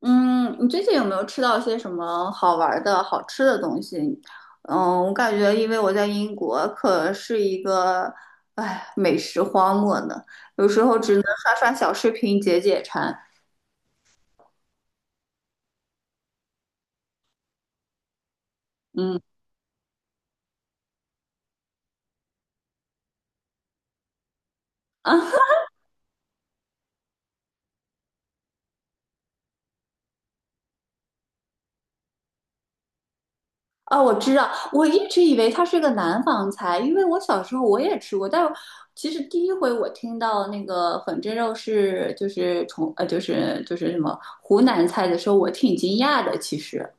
嗯，你最近有没有吃到些什么好玩儿的、好吃的东西？我感觉因为我在英国可是一个，哎，美食荒漠呢，有时候只能刷刷小视频解解馋。嗯，啊啊，我知道，我一直以为它是个南方菜，因为我小时候我也吃过，但其实第一回我听到那个粉蒸肉是就是从就是什么湖南菜的时候，我挺惊讶的，其实。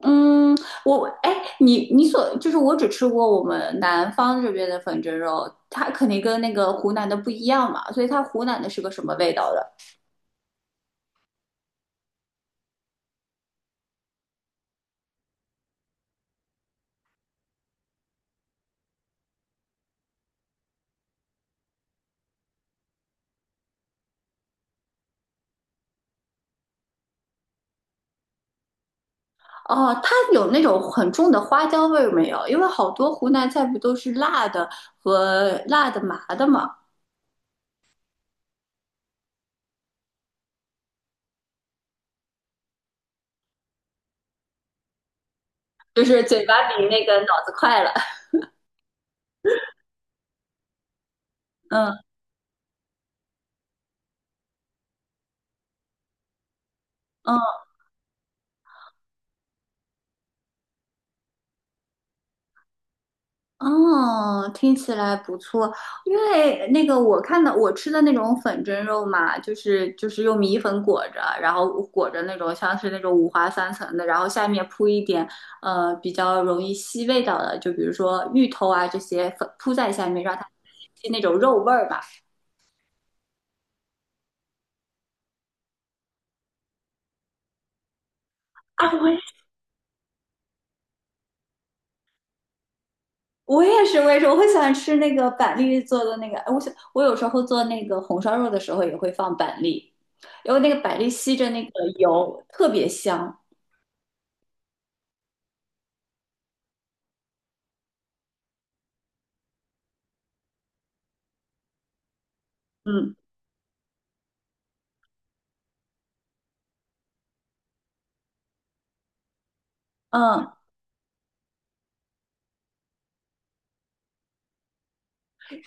嗯，哎，你就是我只吃过我们南方这边的粉蒸肉，它肯定跟那个湖南的不一样嘛，所以它湖南的是个什么味道的？哦，它有那种很重的花椒味儿没有？因为好多湖南菜不都是辣的和辣的麻的嘛，就是嘴巴比那个脑子快了。嗯嗯，哦，听起来不错。因为那个我看到我吃的那种粉蒸肉嘛，就是用米粉裹着，然后裹着那种像是那种五花三层的，然后下面铺一点比较容易吸味道的，就比如说芋头啊这些粉铺在下面，让它吸那种肉味儿吧。啊，我也是，我也是，我会喜欢吃那个板栗做的那个。哎我想我有时候做那个红烧肉的时候也会放板栗，因为那个板栗吸着那个油特别香。嗯。嗯，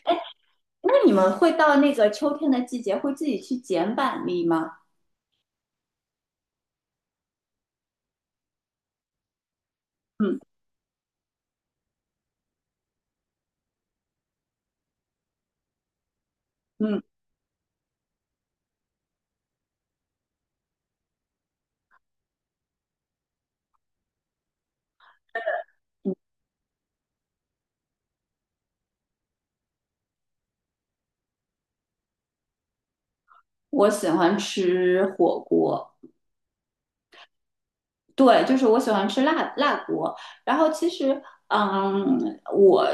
哎，那你们会到那个秋天的季节，会自己去捡板栗吗？嗯嗯，我喜欢吃火锅。对，就是我喜欢吃辣辣锅。然后其实，我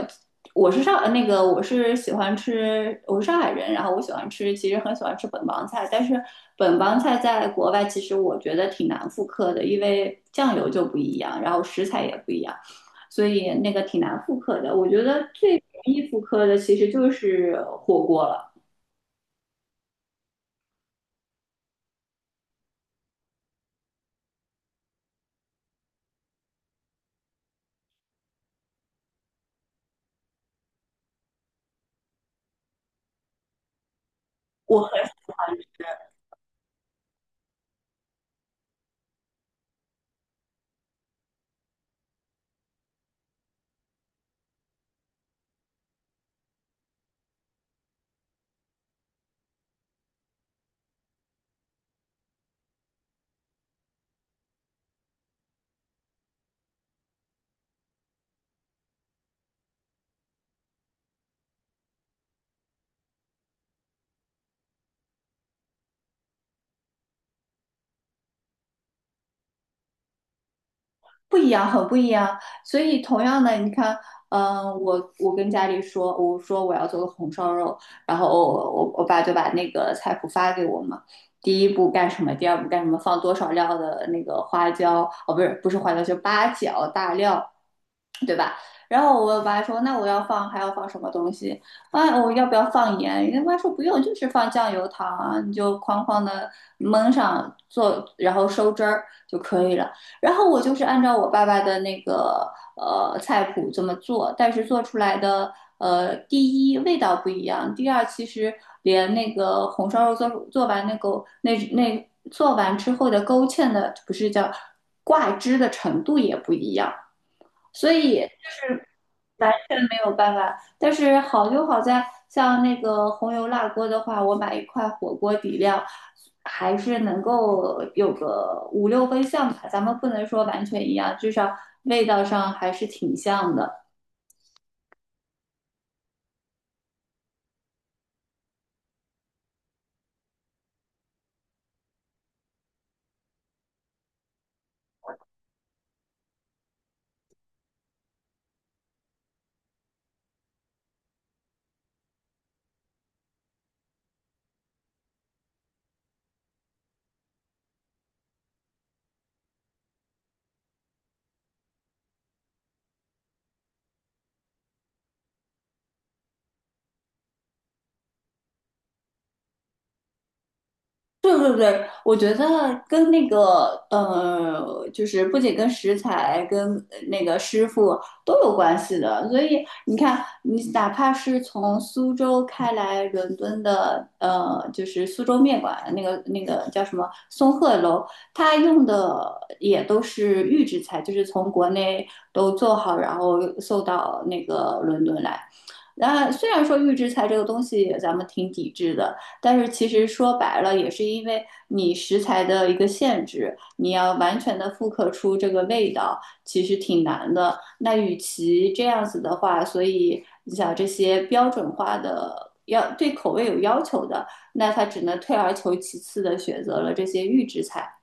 我是上那个我是喜欢吃，我是上海人，然后我喜欢吃，其实很喜欢吃本帮菜。但是本帮菜在国外其实我觉得挺难复刻的，因为酱油就不一样，然后食材也不一样，所以那个挺难复刻的。我觉得最容易复刻的其实就是火锅了。我很不一样，很不一样。所以同样的，你看，我跟家里说，我说我要做个红烧肉，然后我爸就把那个菜谱发给我嘛。第一步干什么，第二步干什么，放多少料的那个花椒，哦，不是不是花椒，就八角、大料，对吧？然后我爸说，那我要放还要放什么东西？啊，我要不要放盐？人家妈说不用，就是放酱油糖啊，你就哐哐的焖上做，然后收汁儿就可以了。然后我就是按照我爸爸的那个菜谱这么做，但是做出来的第一味道不一样，第二其实连那个红烧肉做完那个那做完之后的勾芡的不是叫挂汁的程度也不一样。所以就是完全没有办法。但是好就好在，像那个红油辣锅的话，我买一块火锅底料，还是能够有个五六分像吧。咱们不能说完全一样，至少味道上还是挺像的。对对对，我觉得跟那个就是不仅跟食材、跟那个师傅都有关系的。所以你看，你哪怕是从苏州开来伦敦的，就是苏州面馆那个叫什么松鹤楼，它用的也都是预制菜，就是从国内都做好，然后送到那个伦敦来。那虽然说预制菜这个东西咱们挺抵制的，但是其实说白了，也是因为你食材的一个限制，你要完全的复刻出这个味道，其实挺难的。那与其这样子的话，所以你想这些标准化的要对口味有要求的，那他只能退而求其次的选择了这些预制菜。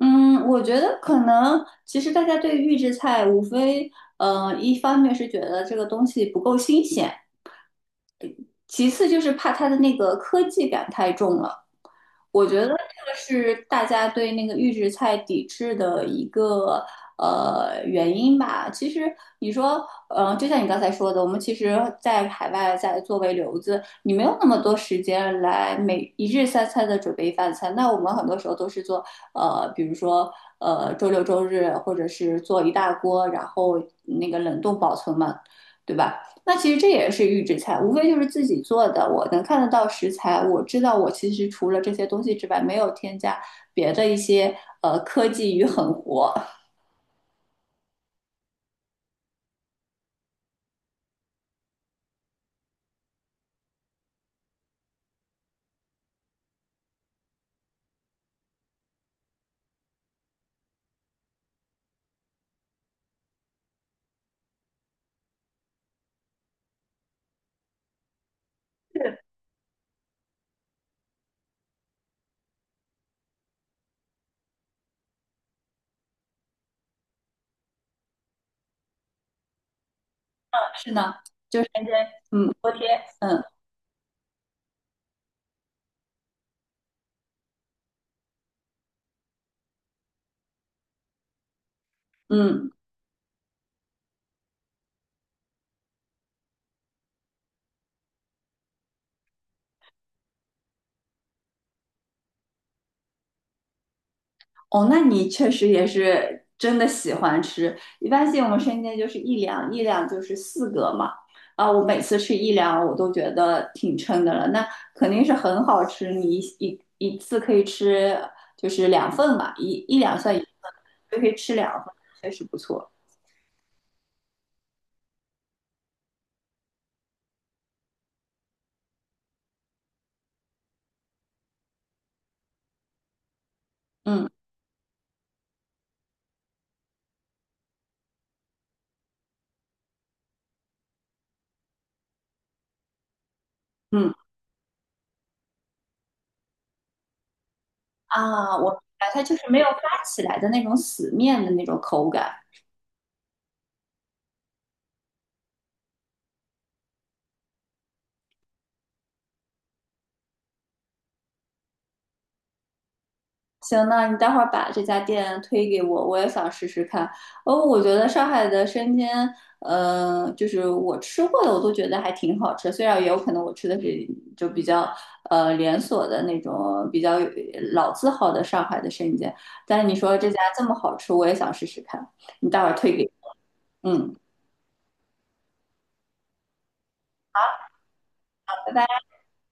嗯，我觉得可能其实大家对预制菜无非，一方面是觉得这个东西不够新鲜，其次就是怕它的那个科技感太重了。我觉得这个是大家对那个预制菜抵制的一个原因吧。其实你说，就像你刚才说的，我们其实，在海外在作为留子，你没有那么多时间来每一日三餐的准备饭菜。那我们很多时候都是做，比如说，周六周日，或者是做一大锅，然后那个冷冻保存嘛，对吧？那其实这也是预制菜，无非就是自己做的。我能看得到食材，我知道我其实除了这些东西之外，没有添加别的一些科技与狠活。是是呢，天天，嗯，锅贴，嗯嗯。哦，那你确实也是真的喜欢吃。一般性我们生煎就是一两，一两就是四个嘛。啊，我每次吃一两，我都觉得挺撑的了。那肯定是很好吃，你一次可以吃就是两份嘛，一两算一份，就可以吃两份，确实不错。嗯嗯，啊，我明白，它就是没有发起来的那种死面的那种口感。行，那你待会儿把这家店推给我，我也想试试看。哦，我觉得上海的生煎，就是我吃过的，我都觉得还挺好吃。虽然也有可能我吃的是就比较连锁的那种比较老字号的上海的生煎，但是你说这家这么好吃，我也想试试看。你待会儿推给，嗯，拜拜。